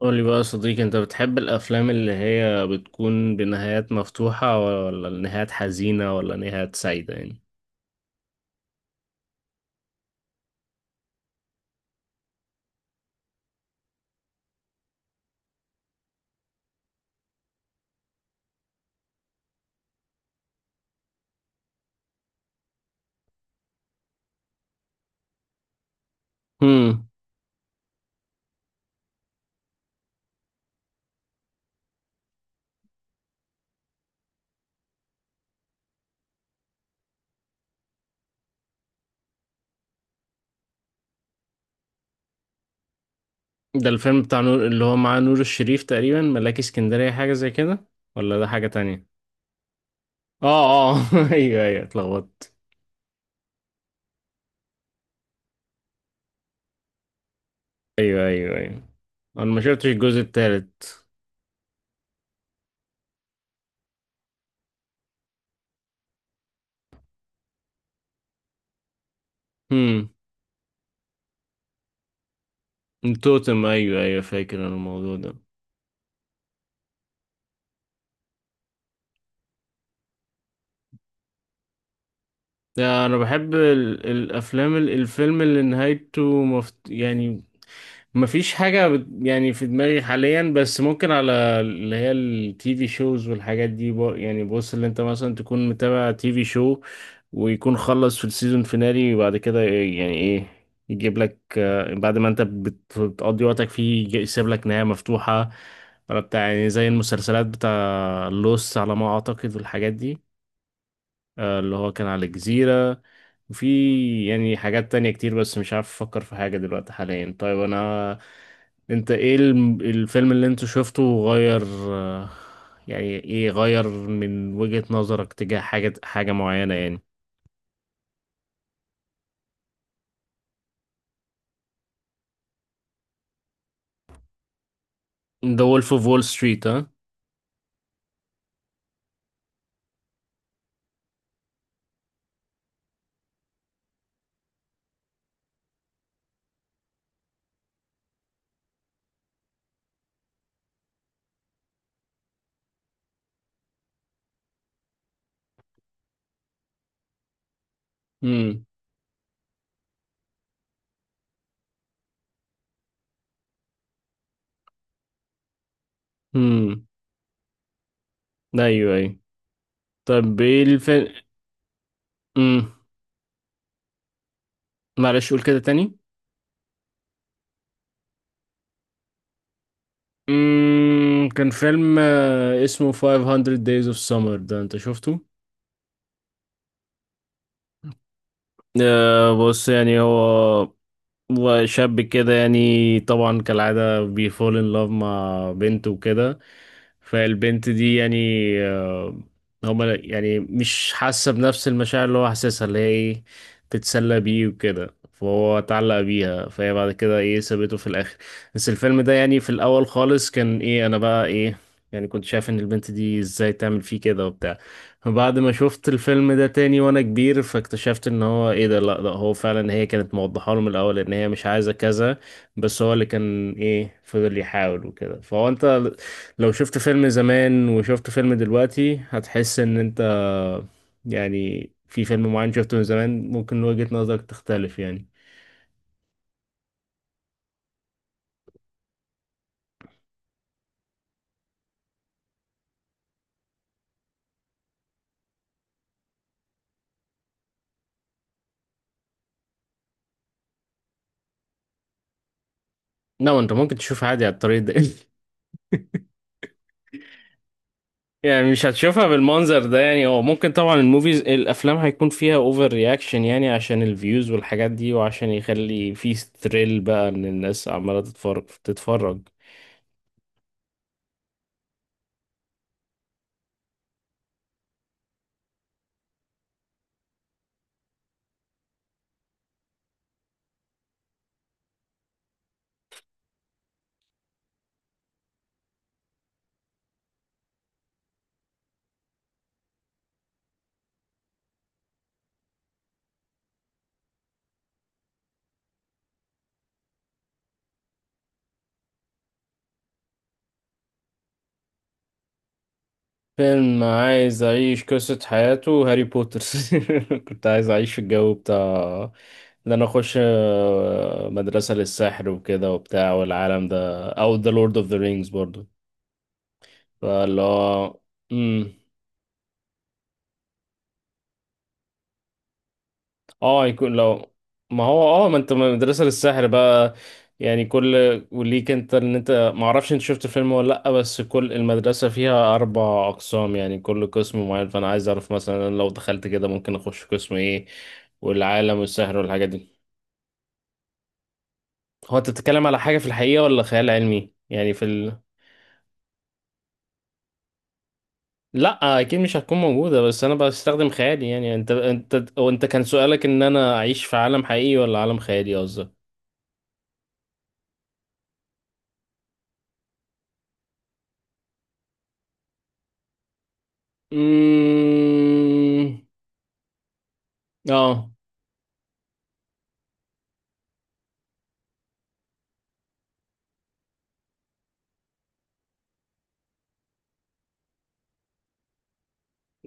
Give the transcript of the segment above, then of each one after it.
قولي بقى يا صديقي، انت بتحب الافلام اللي هي بتكون بنهايات مفتوحة ولا نهايات حزينة ولا نهايات سعيدة يعني؟ هم. ده الفيلم بتاع نور اللي هو مع نور الشريف، تقريبا ملاك اسكندرية، حاجة زي كده، ولا ده حاجة تانية؟ اه اه. ايوه ايوه، اتلخبطت. ايوه ايوه ايوه. انا ما شفتش الجزء التالت. هم. التوتم، ايوه ايوه، فاكر انا الموضوع ده. ده انا بحب الفيلم اللي نهايته يعني، مفيش حاجة يعني في دماغي حاليا، بس ممكن على اللي هي التي في شوز والحاجات دي. بو، يعني بص، اللي انت مثلا تكون متابع تي في شو ويكون خلص في السيزون فينالي، وبعد كده إيه، يعني ايه، يجيب لك، بعد ما انت بتقضي وقتك فيه، يسيب لك نهاية مفتوحة، ولا بتاع، يعني زي المسلسلات بتاع لوس على ما اعتقد والحاجات دي، اللي هو كان على الجزيرة. وفي يعني حاجات تانية كتير بس مش عارف أفكر في حاجة دلوقتي حاليا. طيب أنا، أنت إيه الفيلم اللي أنت شفته غير، آه، يعني إيه، غير من وجهة نظرك تجاه حاجة حاجة معينة يعني؟ The Wolf of Wall Street، ها؟ امم امم أيوه أيوه. طب إيه الفيلم؟ امم معلش قول كده تاني. كان فيلم اسمه 500 Days of Summer، ده أنت شفته؟ بص، يعني هو شاب كده، يعني طبعا كالعادة بيفول ان لاف مع بنت وكده، فالبنت دي يعني، آه، هما يعني مش حاسة بنفس المشاعر اللي هو حاسسها، اللي هي ايه، تتسلى بيه وكده، فهو اتعلق بيها، فهي بعد كده ايه سابته في الاخر. بس الفيلم ده يعني في الاول خالص كان ايه، انا بقى ايه، يعني كنت شايف ان البنت دي ازاي تعمل فيه كده وبتاع. بعد ما شفت الفيلم ده تاني وانا كبير، فاكتشفت ان هو ايه، ده لا ده هو فعلا هي كانت موضحه له من الاول ان هي مش عايزه كذا، بس هو اللي كان ايه فضل يحاول وكده. فهو انت لو شفت فيلم زمان وشفت فيلم دلوقتي، هتحس ان انت يعني في فيلم معين شفته من زمان ممكن وجهة نظرك تختلف يعني. لا انت ممكن تشوف عادي على الطريق ده. يعني مش هتشوفها بالمنظر ده، يعني هو ممكن طبعا الموفيز الافلام هيكون فيها اوفر رياكشن، يعني عشان الفيوز والحاجات دي، وعشان يخلي في ستريل بقى ان الناس عماله تتفرج تتفرج. فيلم عايز اعيش قصة حياته، هاري بوتر. كنت عايز اعيش في الجو بتاع، ان انا اخش، مدرسة للسحر وكده وبتاع، والعالم ده، او ذا لورد اوف ذا رينجز برضو. فاللي هو مم. اه، يكون لو، ما هو اه ما انت مدرسة للسحر بقى يعني كل، وليك انت ان انت ما اعرفش انت شفت الفيلم ولا لا، بس كل المدرسة فيها اربع اقسام، يعني كل قسم معين، فانا عايز اعرف مثلا لو دخلت كده ممكن اخش قسم ايه، والعالم والسحر والحاجات دي. هو انت بتتكلم على حاجة في الحقيقة ولا خيال علمي، يعني في لا اكيد مش هتكون موجودة، بس انا بستخدم خيالي. يعني انت وانت كان سؤالك ان انا اعيش في عالم حقيقي ولا عالم خيالي قصدك؟ مم، اه.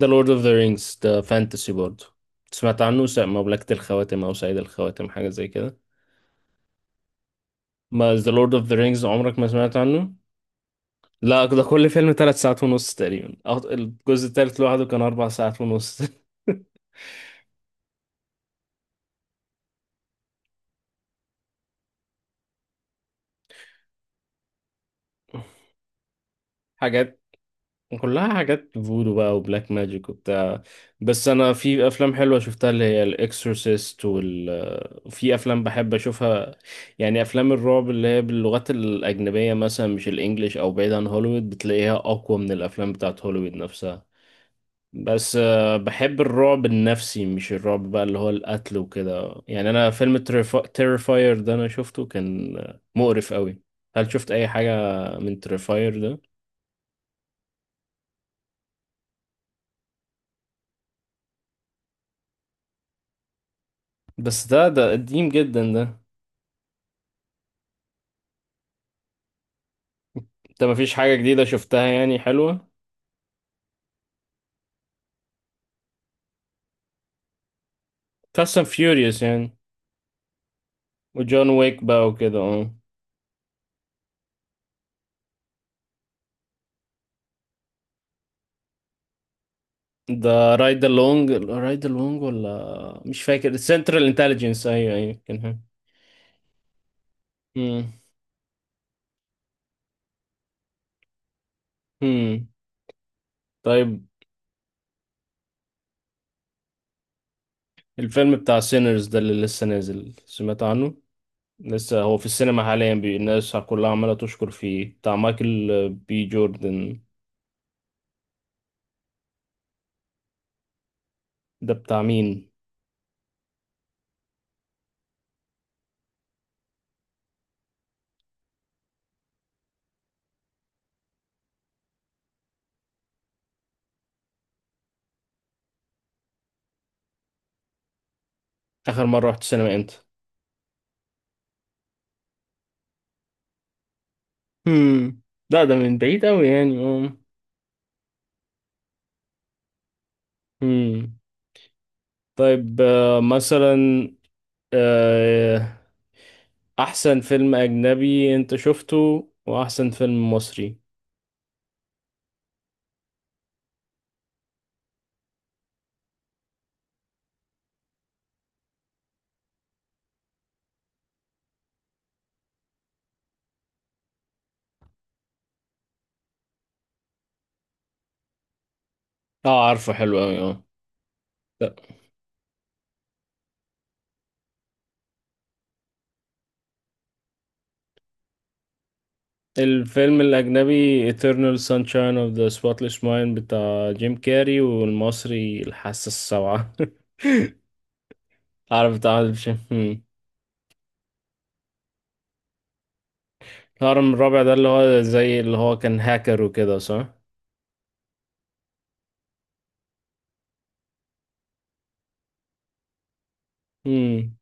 ده لورد اوف ذا رينجز ده فانتسي برضه، سمعت عنه؟ مملكة الخواتم او سيد الخواتم، حاجة زي كده. ما ذا لورد اوف ذا رينجز، عمرك ما سمعت عنه؟ لا ده، كل فيلم ثلاث ساعات ونص تقريبا، الجزء الثالث لوحده كان اربع ساعات ونص. حاجات، كلها حاجات فودو بقى، وبلاك ماجيك وبتاع. بس انا في افلام حلوه شفتها، اللي هي الاكسورسيست، وال في افلام بحب اشوفها، يعني افلام الرعب اللي هي باللغات الاجنبيه، مثلا مش الانجليش او بعيد عن هوليوود، بتلاقيها اقوى من الافلام بتاعت هوليوود نفسها. بس بحب الرعب النفسي، مش الرعب بقى اللي هو القتل وكده. يعني انا فيلم تيرفاير ده انا شفته، كان مقرف قوي. هل شفت اي حاجه من تيرفاير ده؟ بس ده قديم جدا ده. انت مفيش حاجة جديدة شفتها يعني حلوة؟ فاست اند فيوريوس يعني؟ وجون ويك بقى وكده، اه. ده رايد لونج، رايد لونج، ولا مش فاكر، سنترال انتليجنس، ايوه ايوه كان. هم. هم. طيب، الفيلم بتاع سينرز ده اللي لسه نازل، سمعت عنه؟ لسه هو في السينما حاليا، الناس كلها عمالة تشكر فيه، بتاع مايكل بي جوردن. ده بتاع مين؟ آخر مرة رحت السينما امتى؟ هم. لا ده من بعيد أوي يعني. اه. طيب، مثلا، آه، احسن فيلم اجنبي انت شفته، واحسن فيلم مصري. اه عارفه، حلو قوي، اه. لا. الفيلم الاجنبي Eternal Sunshine of the Spotless Mind بتاع جيم كاري، والمصري الحاسة السبعة. عارف، بتاع عادل الشام. مم. الهرم الرابع ده اللي هو زي اللي هو كان هاكر وكده صح؟ امم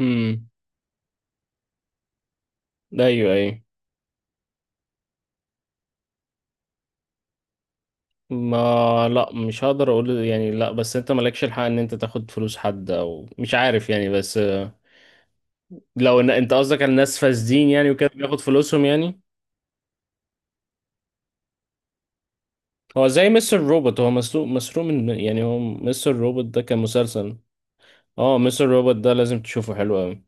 امم ايوه ايوه. ما لا مش هقدر اقول يعني، لا بس انت مالكش الحق ان انت تاخد فلوس حد او مش عارف، يعني بس لو ان انت قصدك على الناس فاسدين يعني وكده بياخد فلوسهم يعني. هو زي مستر روبوت، هو مسروق من، يعني هو مستر روبوت ده كان مسلسل. اه مستر روبوت ده لازم تشوفه، حلو قوي.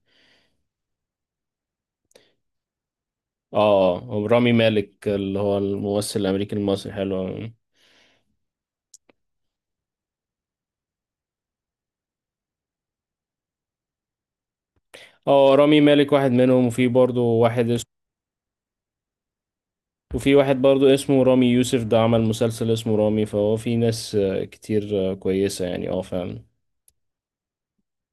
اه، هو رامي مالك اللي هو الممثل الامريكي المصري، حلو قوي. اه رامي مالك واحد منهم، وفي برضه واحد، وفي واحد برضو اسمه رامي يوسف ده عمل مسلسل اسمه رامي. فهو في ناس كتير كويسة يعني، اه فعلا.